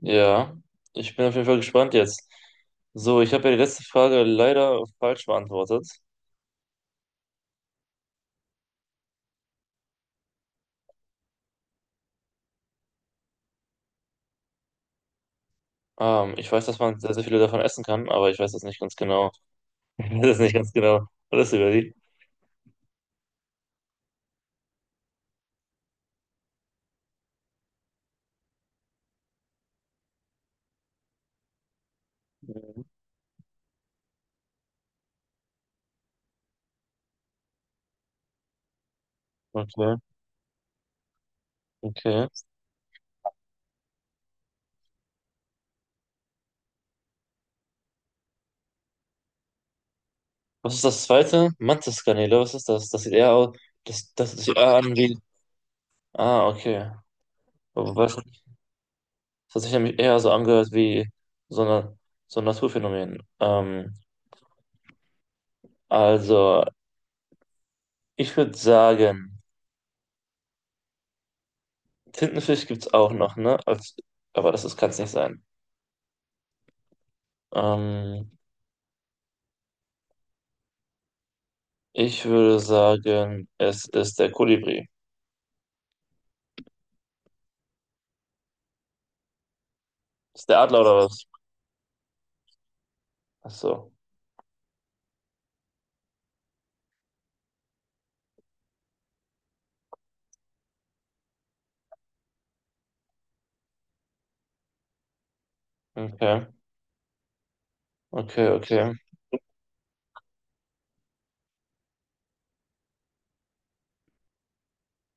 Ja, ich bin auf jeden Fall gespannt jetzt. So, ich habe ja die letzte Frage leider falsch beantwortet. Ich weiß, dass man sehr, sehr viele davon essen kann, aber ich weiß das nicht ganz genau. Ich weiß das nicht ganz genau. Alles über die. Okay, okay. Was ist das zweite? Mantiskanäle, was ist das? Das sieht eher aus, das sieht eher an wie, ah, okay. Aber wahrscheinlich, das hat sich nämlich eher so angehört wie so eine, so ein Naturphänomen. Also, ich würde sagen, Tintenfisch gibt's auch noch, ne? Als, aber das ist, kann's nicht sein. Ähm, Ich würde sagen, es ist der Kolibri. Ist der Adler oder was? Ach so. Okay, okay, okay.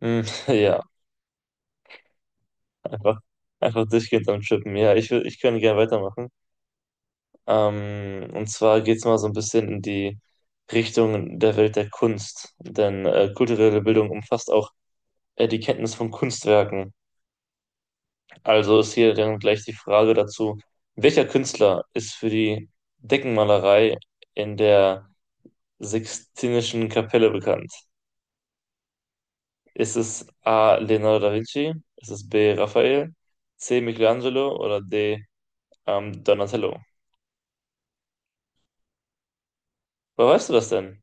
Hm, ja, einfach, einfach durchgehend am Chippen. Ja, ich könnte gerne weitermachen. Und zwar geht's mal so ein bisschen in die Richtung der Welt der Kunst. Denn kulturelle Bildung umfasst auch die Kenntnis von Kunstwerken. Also ist hier dann gleich die Frage dazu, welcher Künstler ist für die Deckenmalerei in der Sixtinischen Kapelle bekannt? Ist es A. Leonardo da Vinci? Ist es B. Raphael? C. Michelangelo oder D. Donatello? Woher weißt du das denn?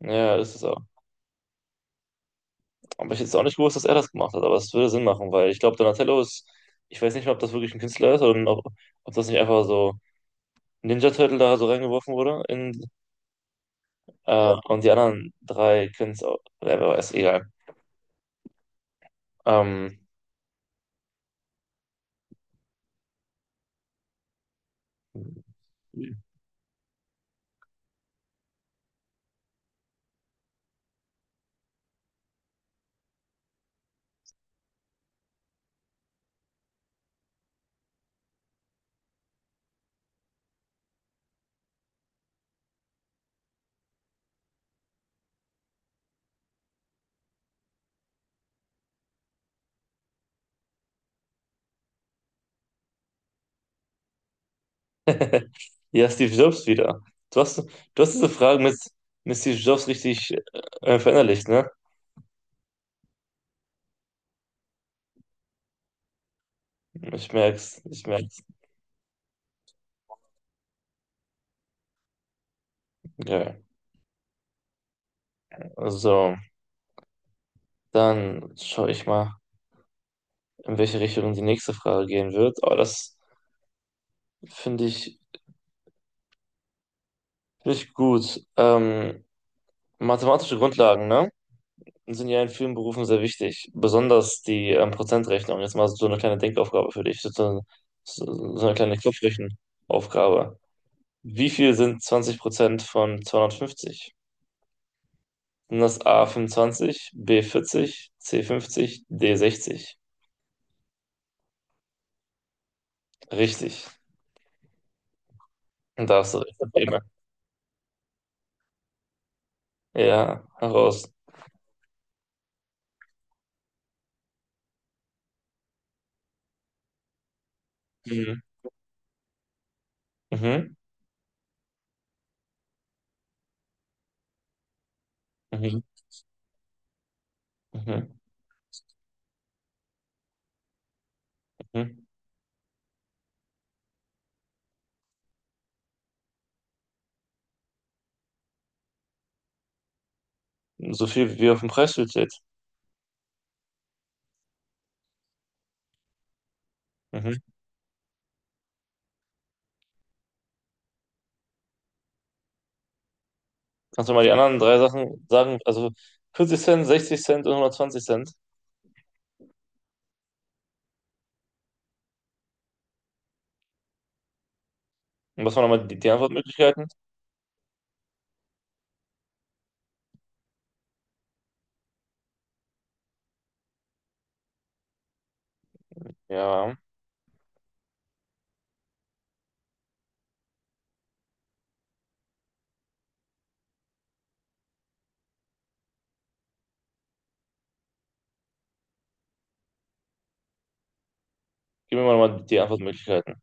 Ja, ist es auch. Aber ich hätte jetzt auch nicht gewusst, dass er das gemacht hat, aber es würde Sinn machen, weil ich glaube, Donatello ist, ich weiß nicht mal, ob das wirklich ein Künstler ist oder ob, ob das nicht einfach so Ninja Turtle da so reingeworfen wurde in und die anderen drei können es auch, ja, wer weiß, egal. Ähm, ja, Steve Jobs wieder. Du hast, du hast diese Fragen mit Steve Jobs richtig verinnerlicht, ne? Ich merk's, ich merk's. Okay. Also, dann schaue ich mal, in welche Richtung die nächste Frage gehen wird. Aber das finde ich, finde ich gut. Mathematische Grundlagen, ne? Sind ja in vielen Berufen sehr wichtig, besonders die Prozentrechnung. Jetzt mal so eine kleine Denkaufgabe für dich, so eine kleine Kopfrechenaufgabe. Wie viel sind 20% von 250? Sind das A 25, B 40, C 50, D 60? Richtig. Und da hast du recht. Probleme. Ja, heraus. Mhm. Mhm. Mhm. Mhm. Mhm. So viel wie auf dem Preisschild steht. Mhm. Kannst du mal die anderen drei Sachen sagen? Also 40 Cent, 60 Cent und 120 Cent. Und was waren nochmal die Antwortmöglichkeiten? Ja, gib mir mal nochmal die Antwortmöglichkeiten.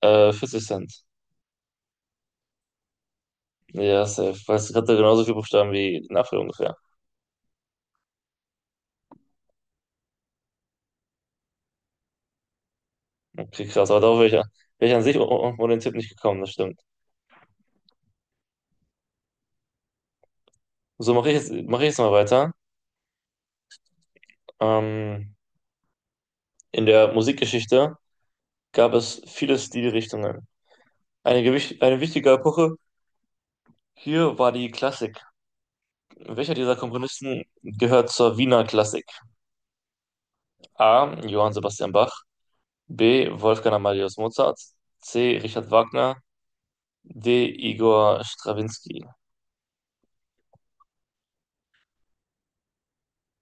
40 Cent. Ja, safe. Weißt du, hatte genauso viele Buchstaben wie ein Apfel ungefähr. Okay, krass. Aber darauf wäre ich, wär ich an sich ohne ohne den Tipp nicht gekommen, das stimmt. So, mach ich jetzt mal weiter. Ähm, in der Musikgeschichte gab es viele Stilrichtungen. Eine wichtige Epoche hier war die Klassik. Welcher dieser Komponisten gehört zur Wiener Klassik? A. Johann Sebastian Bach. B. Wolfgang Amadeus Mozart. C. Richard Wagner. D. Igor Strawinski.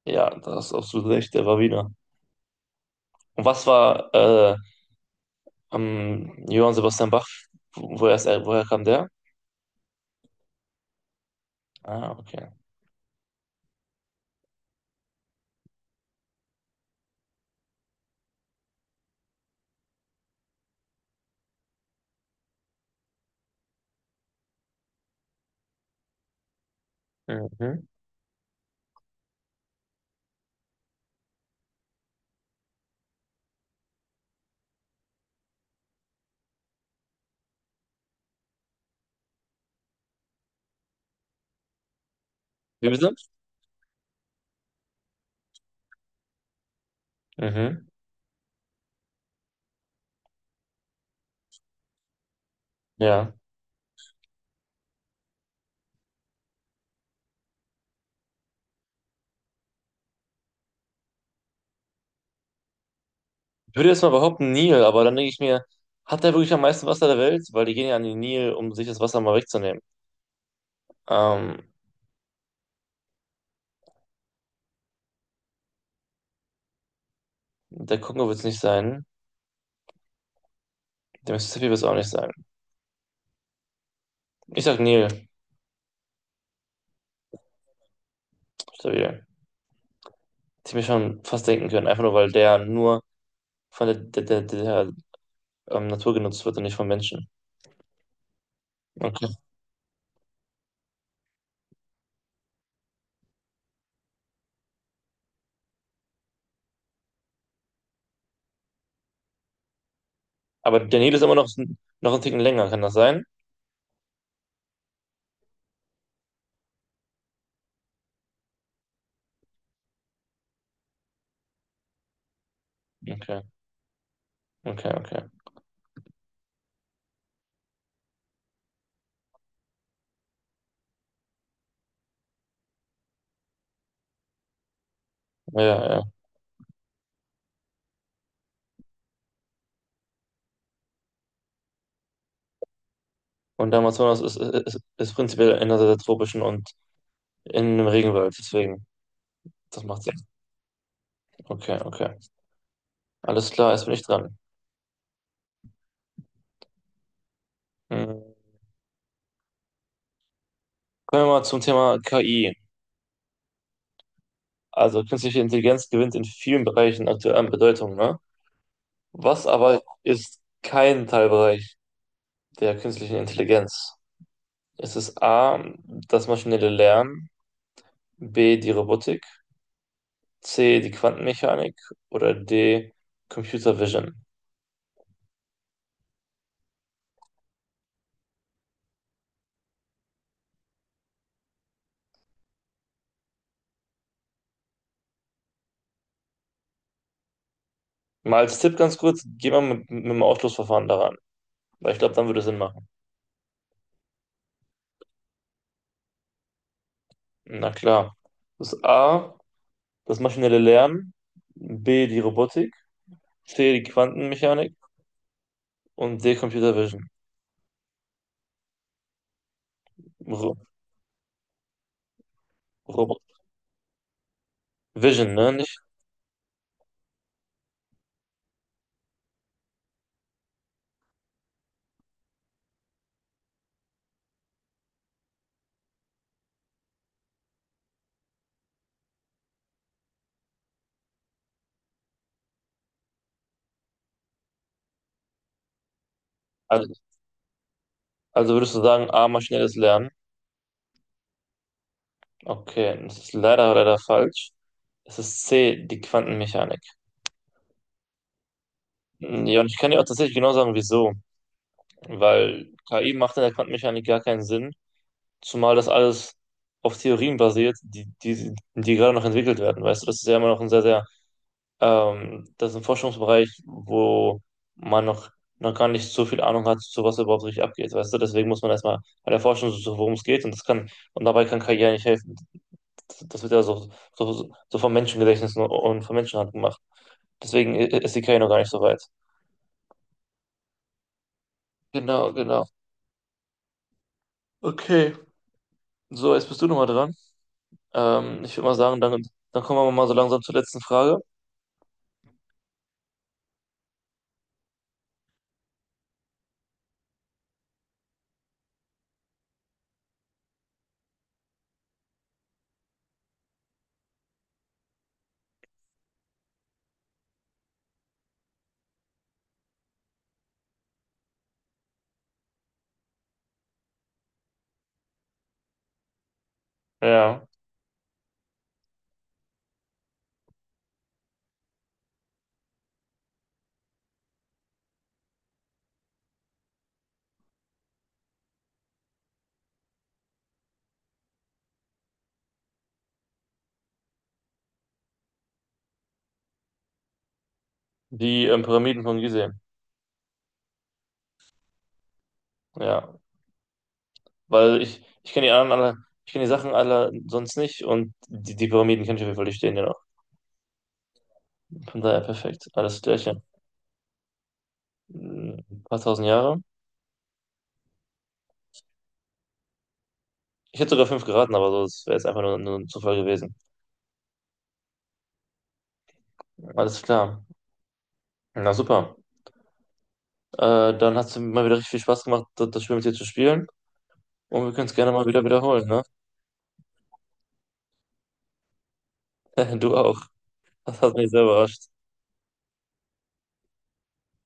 Ja, da hast du absolut recht, der war Wiener. Und was war am Johann Sebastian Bach? Woher kam der? Ah, okay. Mhm. Wie bitte? Mhm. Ja. Ich würde jetzt mal behaupten, Nil, aber dann denke ich mir, hat der wirklich am meisten Wasser der Welt? Weil die gehen ja an den Nil, um sich das Wasser mal wegzunehmen. Ähm, Der Kongo wird es nicht sein. Der Mississippi wird es auch nicht sein. Ich sag Nil. Stabil. Das hätte ich mir schon fast denken können, einfach nur, weil der nur von der Natur genutzt wird und nicht von Menschen. Okay. Aber der Nil ist immer noch, noch einen Ticken länger, kann das sein? Okay, okay, okay. Ja, ja. Und der Amazonas ist prinzipiell in der tropischen und in einem Regenwald, deswegen, das macht Sinn. Okay, okay. Alles klar, jetzt bin ich dran. Hm. Kommen wir mal zum Thema KI. Also künstliche Intelligenz gewinnt in vielen Bereichen aktuell an Bedeutung, ne? Was aber ist kein Teilbereich der künstlichen Intelligenz? Es ist A, das maschinelle Lernen, B, die Robotik, C, die Quantenmechanik oder D, Computer Vision. Mal als Tipp ganz kurz, geh mal mit dem Ausschlussverfahren daran, weil ich glaube, dann würde es Sinn machen. Na klar. Das ist A, das maschinelle Lernen, B, die Robotik, C, die Quantenmechanik und D, Computer Vision. Ro Robot. Vision, ne? Nicht? Also, also würdest du sagen, A, maschinelles Lernen? Okay, das ist leider, leider falsch. Es ist C, die Quantenmechanik. Ja, und ich kann dir auch tatsächlich genau sagen, wieso. Weil KI macht in der Quantenmechanik gar keinen Sinn, zumal das alles auf Theorien basiert, die gerade noch entwickelt werden. Weißt du, das ist ja immer noch ein sehr, sehr, das ist ein Forschungsbereich, wo man noch, noch gar nicht so viel Ahnung hat, zu was überhaupt richtig abgeht. Weißt du, deswegen muss man erstmal bei der Forschung worum es geht und das kann, und dabei kann KI ja nicht helfen. Das wird ja so vom Menschengedächtnis und von Menschenhand gemacht. Deswegen ist die KI noch gar nicht so weit. Genau, genau. Okay. So, jetzt bist du nochmal dran. Ich würde mal sagen, dann, dann kommen wir mal so langsam zur letzten Frage. Ja. Die Pyramiden von Gizeh. Ja, weil ich kenne die anderen alle, ich kenne die Sachen alle sonst nicht und die, die Pyramiden kann ich auf jeden Fall durchstehen, genau. Von daher perfekt. Alles gleiche. Ein paar tausend Jahre. Ich hätte sogar fünf geraten, aber so, das wäre jetzt einfach nur, nur ein Zufall gewesen. Alles klar. Na super. Dann hat es mal wieder richtig viel Spaß gemacht, das das Spiel mit dir zu spielen. Und wir können es gerne mal wieder wiederholen, ne? Du auch. Das hat mich sehr überrascht.